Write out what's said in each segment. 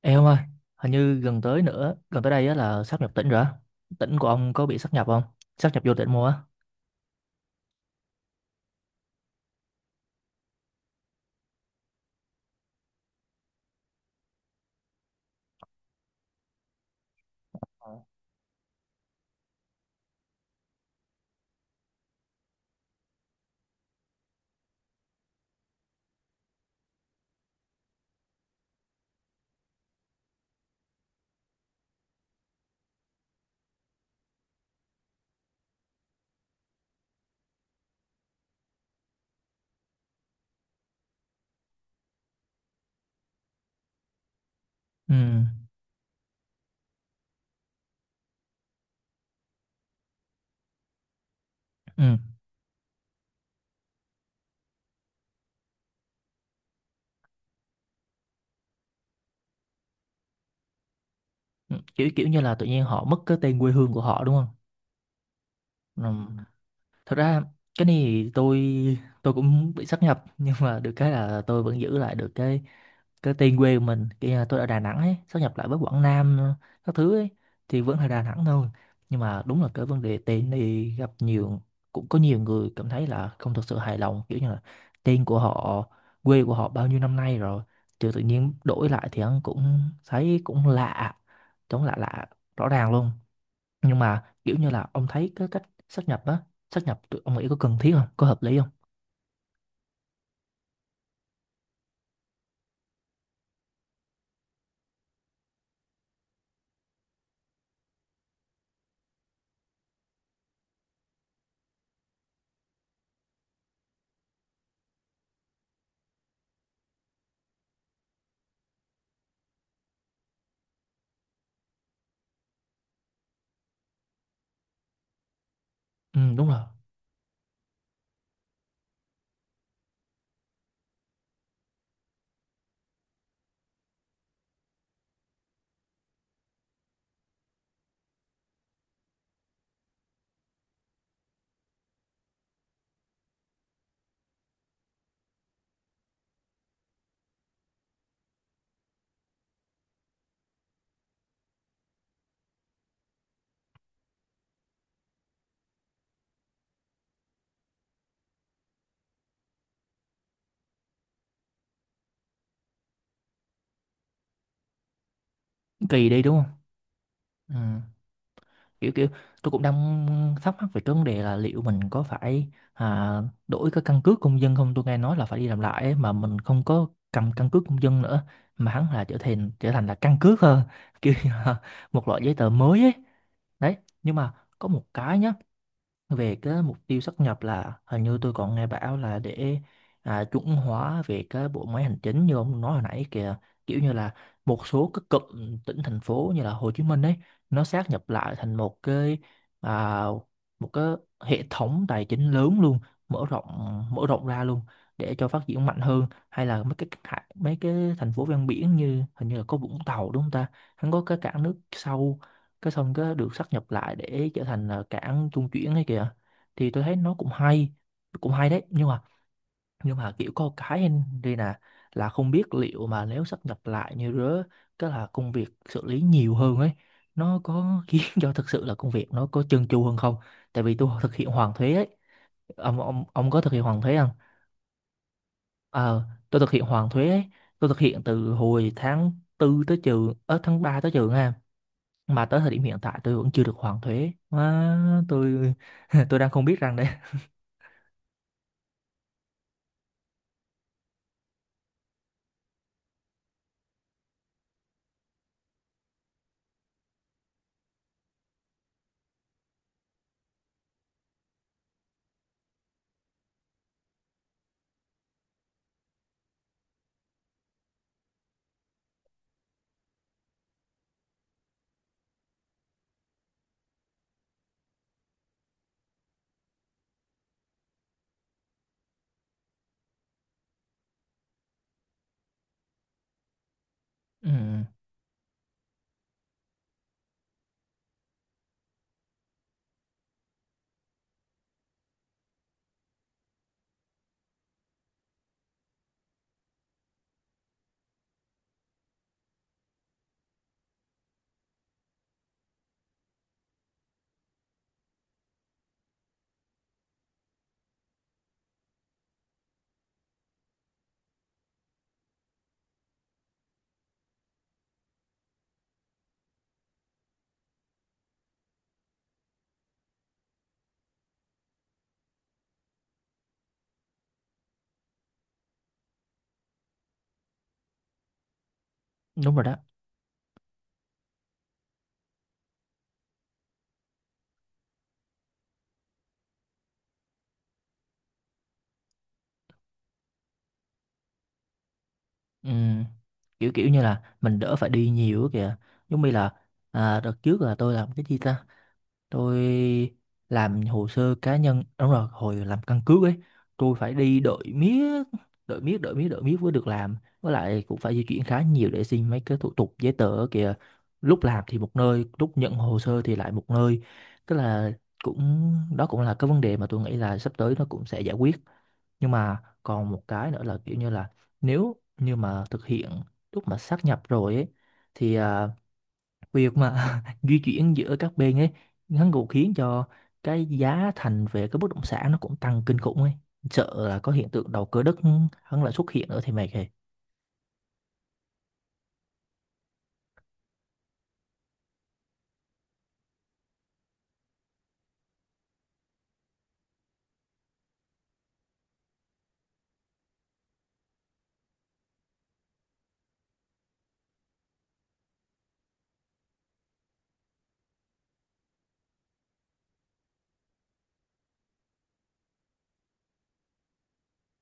Ê ông ơi, hình như gần tới nữa, gần tới đây á là sáp nhập tỉnh rồi á. Tỉnh của ông có bị sáp nhập không? Sáp nhập vô tỉnh mua á. Ờ, ừ, ừ. Kiểu kiểu như là tự nhiên họ mất cái tên quê hương của họ đúng không? Ừ. Thật ra cái này thì tôi cũng bị sáp nhập, nhưng mà được cái là tôi vẫn giữ lại được cái tên quê của mình, kia là tôi ở Đà Nẵng ấy, sáp nhập lại với Quảng Nam, các thứ ấy, thì vẫn là Đà Nẵng thôi. Nhưng mà đúng là cái vấn đề tên thì gặp nhiều, cũng có nhiều người cảm thấy là không thực sự hài lòng, kiểu như là tên của họ, quê của họ bao nhiêu năm nay rồi thì tự nhiên đổi lại thì hắn cũng thấy cũng lạ, chống lạ lạ, rõ ràng luôn. Nhưng mà kiểu như là ông thấy cái cách sát nhập á, sát nhập tụi ông nghĩ có cần thiết không, có hợp lý không? Ừ, đúng rồi, kỳ đi đúng không. Ừ. kiểu kiểu tôi cũng đang thắc mắc về cái vấn đề là liệu mình có phải đổi cái căn cước công dân không, tôi nghe nói là phải đi làm lại ấy, mà mình không có cầm căn cước công dân nữa mà hắn là trở thành là căn cước hơn kiểu như là một loại giấy tờ mới ấy đấy. Nhưng mà có một cái nhá, về cái mục tiêu sát nhập là hình như tôi còn nghe bảo là để chuẩn hóa về cái bộ máy hành chính như ông nói hồi nãy kìa, kiểu như là một số các cụm tỉnh thành phố như là Hồ Chí Minh ấy, nó sát nhập lại thành à, một cái hệ thống tài chính lớn luôn, mở rộng, mở rộng ra luôn, để cho phát triển mạnh hơn, hay là mấy cái thành phố ven biển như hình như là có Vũng Tàu đúng không ta, hắn có cái cảng nước sâu, cái xong cái được sáp nhập lại để trở thành là cảng trung chuyển ấy kìa, thì tôi thấy nó cũng hay, cũng hay đấy. Nhưng mà kiểu có một cái em đây nè, là không biết liệu mà nếu sáp nhập lại như rứa, cái là công việc xử lý nhiều hơn ấy, nó có khiến cho thực sự là công việc nó có chân chu hơn không? Tại vì tôi thực hiện hoàn thuế ấy, ông có thực hiện hoàn thuế không? Ờ, tôi thực hiện hoàn thuế ấy. Tôi thực hiện từ hồi tháng tư tới trường ở tháng 3 tới trường ha, mà tới thời điểm hiện tại tôi vẫn chưa được hoàn thuế. Má, tôi tôi đang không biết rằng đấy. Ừ, đúng rồi đó. Ừ, kiểu kiểu như là mình đỡ phải đi nhiều á kìa, giống như là đợt trước là tôi làm cái gì ta, tôi làm hồ sơ cá nhân, đúng rồi, hồi làm căn cước ấy, tôi phải đi đợi miết, đợi miết, đợi miết, đợi miết mới được làm, với lại cũng phải di chuyển khá nhiều để xin mấy cái thủ tục giấy tờ ở kìa, lúc làm thì một nơi, lúc nhận hồ sơ thì lại một nơi, tức là cũng đó cũng là cái vấn đề mà tôi nghĩ là sắp tới nó cũng sẽ giải quyết. Nhưng mà còn một cái nữa là kiểu như là, nếu như mà thực hiện, lúc mà sáp nhập rồi ấy, thì việc mà di chuyển giữa các bên ấy, hắn cũng khiến cho cái giá thành về cái bất động sản nó cũng tăng kinh khủng ấy, sợ là có hiện tượng đầu cơ đất hắn lại xuất hiện nữa thì mệt rồi.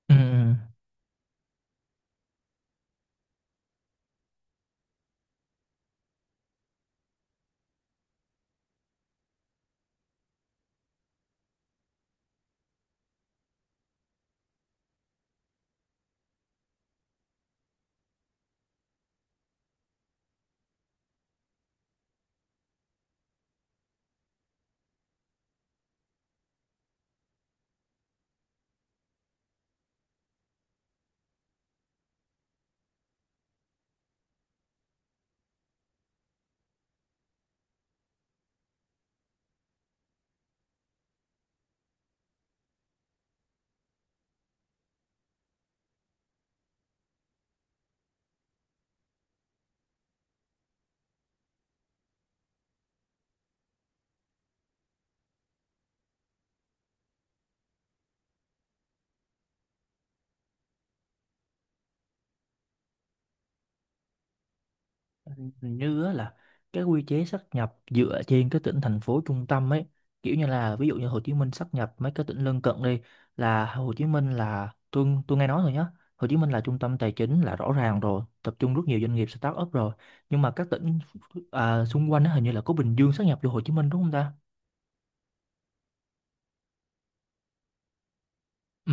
Ừ. Hình như á là cái quy chế sáp nhập dựa trên cái tỉnh thành phố trung tâm ấy, kiểu như là ví dụ như Hồ Chí Minh sáp nhập mấy cái tỉnh lân cận đi, là Hồ Chí Minh là tôi nghe nói thôi nhá, Hồ Chí Minh là trung tâm tài chính là rõ ràng rồi, tập trung rất nhiều doanh nghiệp start up rồi, nhưng mà các tỉnh xung quanh á, hình như là có Bình Dương sáp nhập vô Hồ Chí Minh đúng không ta. Ừ,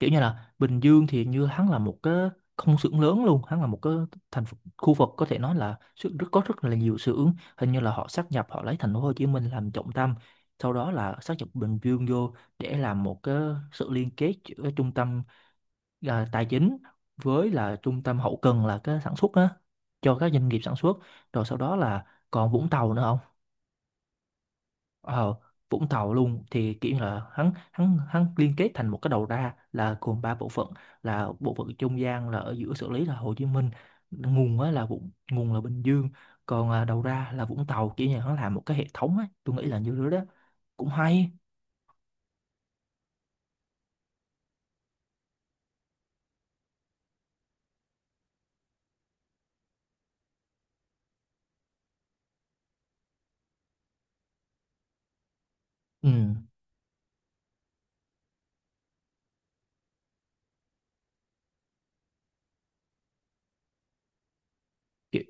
kiểu như là Bình Dương thì như hắn là một cái công xưởng lớn luôn, hắn là một cái thành phố, khu vực có thể nói là rất có rất là nhiều xưởng, hình như là họ sáp nhập, họ lấy thành phố Hồ Chí Minh làm trọng tâm, sau đó là sáp nhập Bình Dương vô, để làm một cái sự liên kết giữa trung tâm tài chính với là trung tâm hậu cần là cái sản xuất á, cho các doanh nghiệp sản xuất, rồi sau đó là còn Vũng Tàu nữa. Ờ, Vũng Tàu luôn, thì kiểu như là hắn hắn hắn liên kết thành một cái đầu ra là gồm ba bộ phận, là bộ phận trung gian là ở giữa xử lý là Hồ Chí Minh, nguồn á là nguồn là Bình Dương, còn đầu ra là Vũng Tàu, kiểu như hắn làm một cái hệ thống ấy, tôi nghĩ là như thế đó, cũng hay. Ừ, kiểu,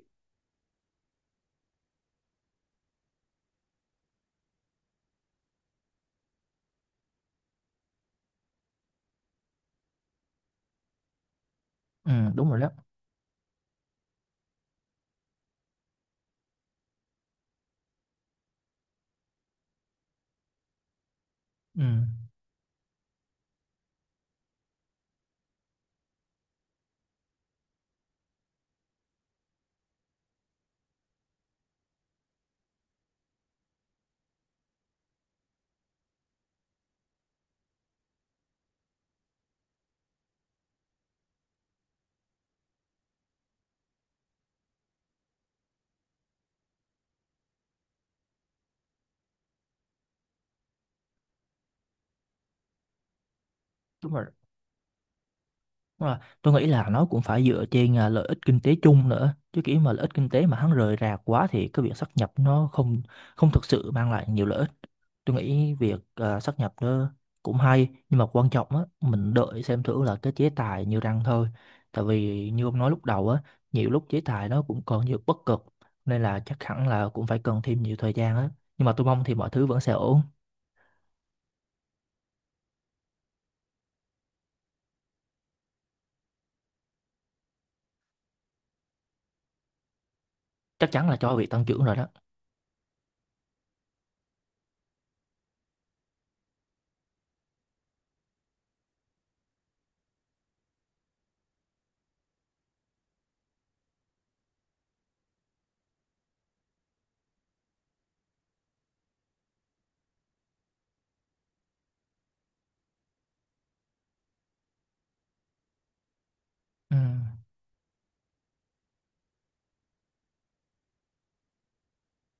ừ đúng rồi đó. Ừ, đúng rồi. Đúng rồi. Tôi nghĩ là nó cũng phải dựa trên lợi ích kinh tế chung nữa chứ, kiểu mà lợi ích kinh tế mà hắn rời rạc quá thì cái việc sáp nhập nó không không thực sự mang lại nhiều lợi ích. Tôi nghĩ việc sát nhập nó cũng hay, nhưng mà quan trọng á mình đợi xem thử là cái chế tài như răng thôi. Tại vì như ông nói lúc đầu á, nhiều lúc chế tài nó cũng còn nhiều bất cập, nên là chắc hẳn là cũng phải cần thêm nhiều thời gian á. Nhưng mà tôi mong thì mọi thứ vẫn sẽ ổn. Chắc chắn là cho việc tăng trưởng rồi đó. Ừ.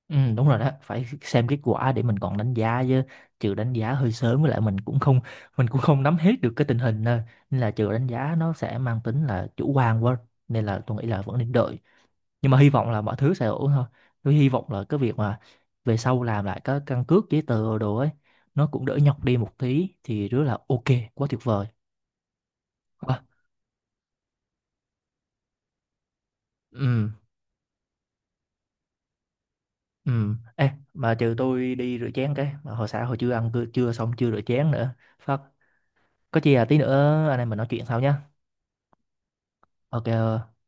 Ừ, đúng rồi đó, phải xem kết quả để mình còn đánh giá chứ, trừ đánh giá hơi sớm, với lại mình cũng không nắm hết được cái tình hình nên, nên là trừ đánh giá nó sẽ mang tính là chủ quan quá, nên là tôi nghĩ là vẫn nên đợi, nhưng mà hy vọng là mọi thứ sẽ ổn thôi, tôi hy vọng là cái việc mà về sau làm lại cái căn cước giấy tờ đồ ấy nó cũng đỡ nhọc đi một tí thì rất là ok, quá tuyệt vời. Quá. Ừ, ừ, ê mà trừ tôi đi rửa chén cái mà hồi sáng hồi chưa ăn chưa xong, chưa rửa chén nữa phát, có chi là tí nữa anh em mình nói chuyện sau nhá. Ok, ờ.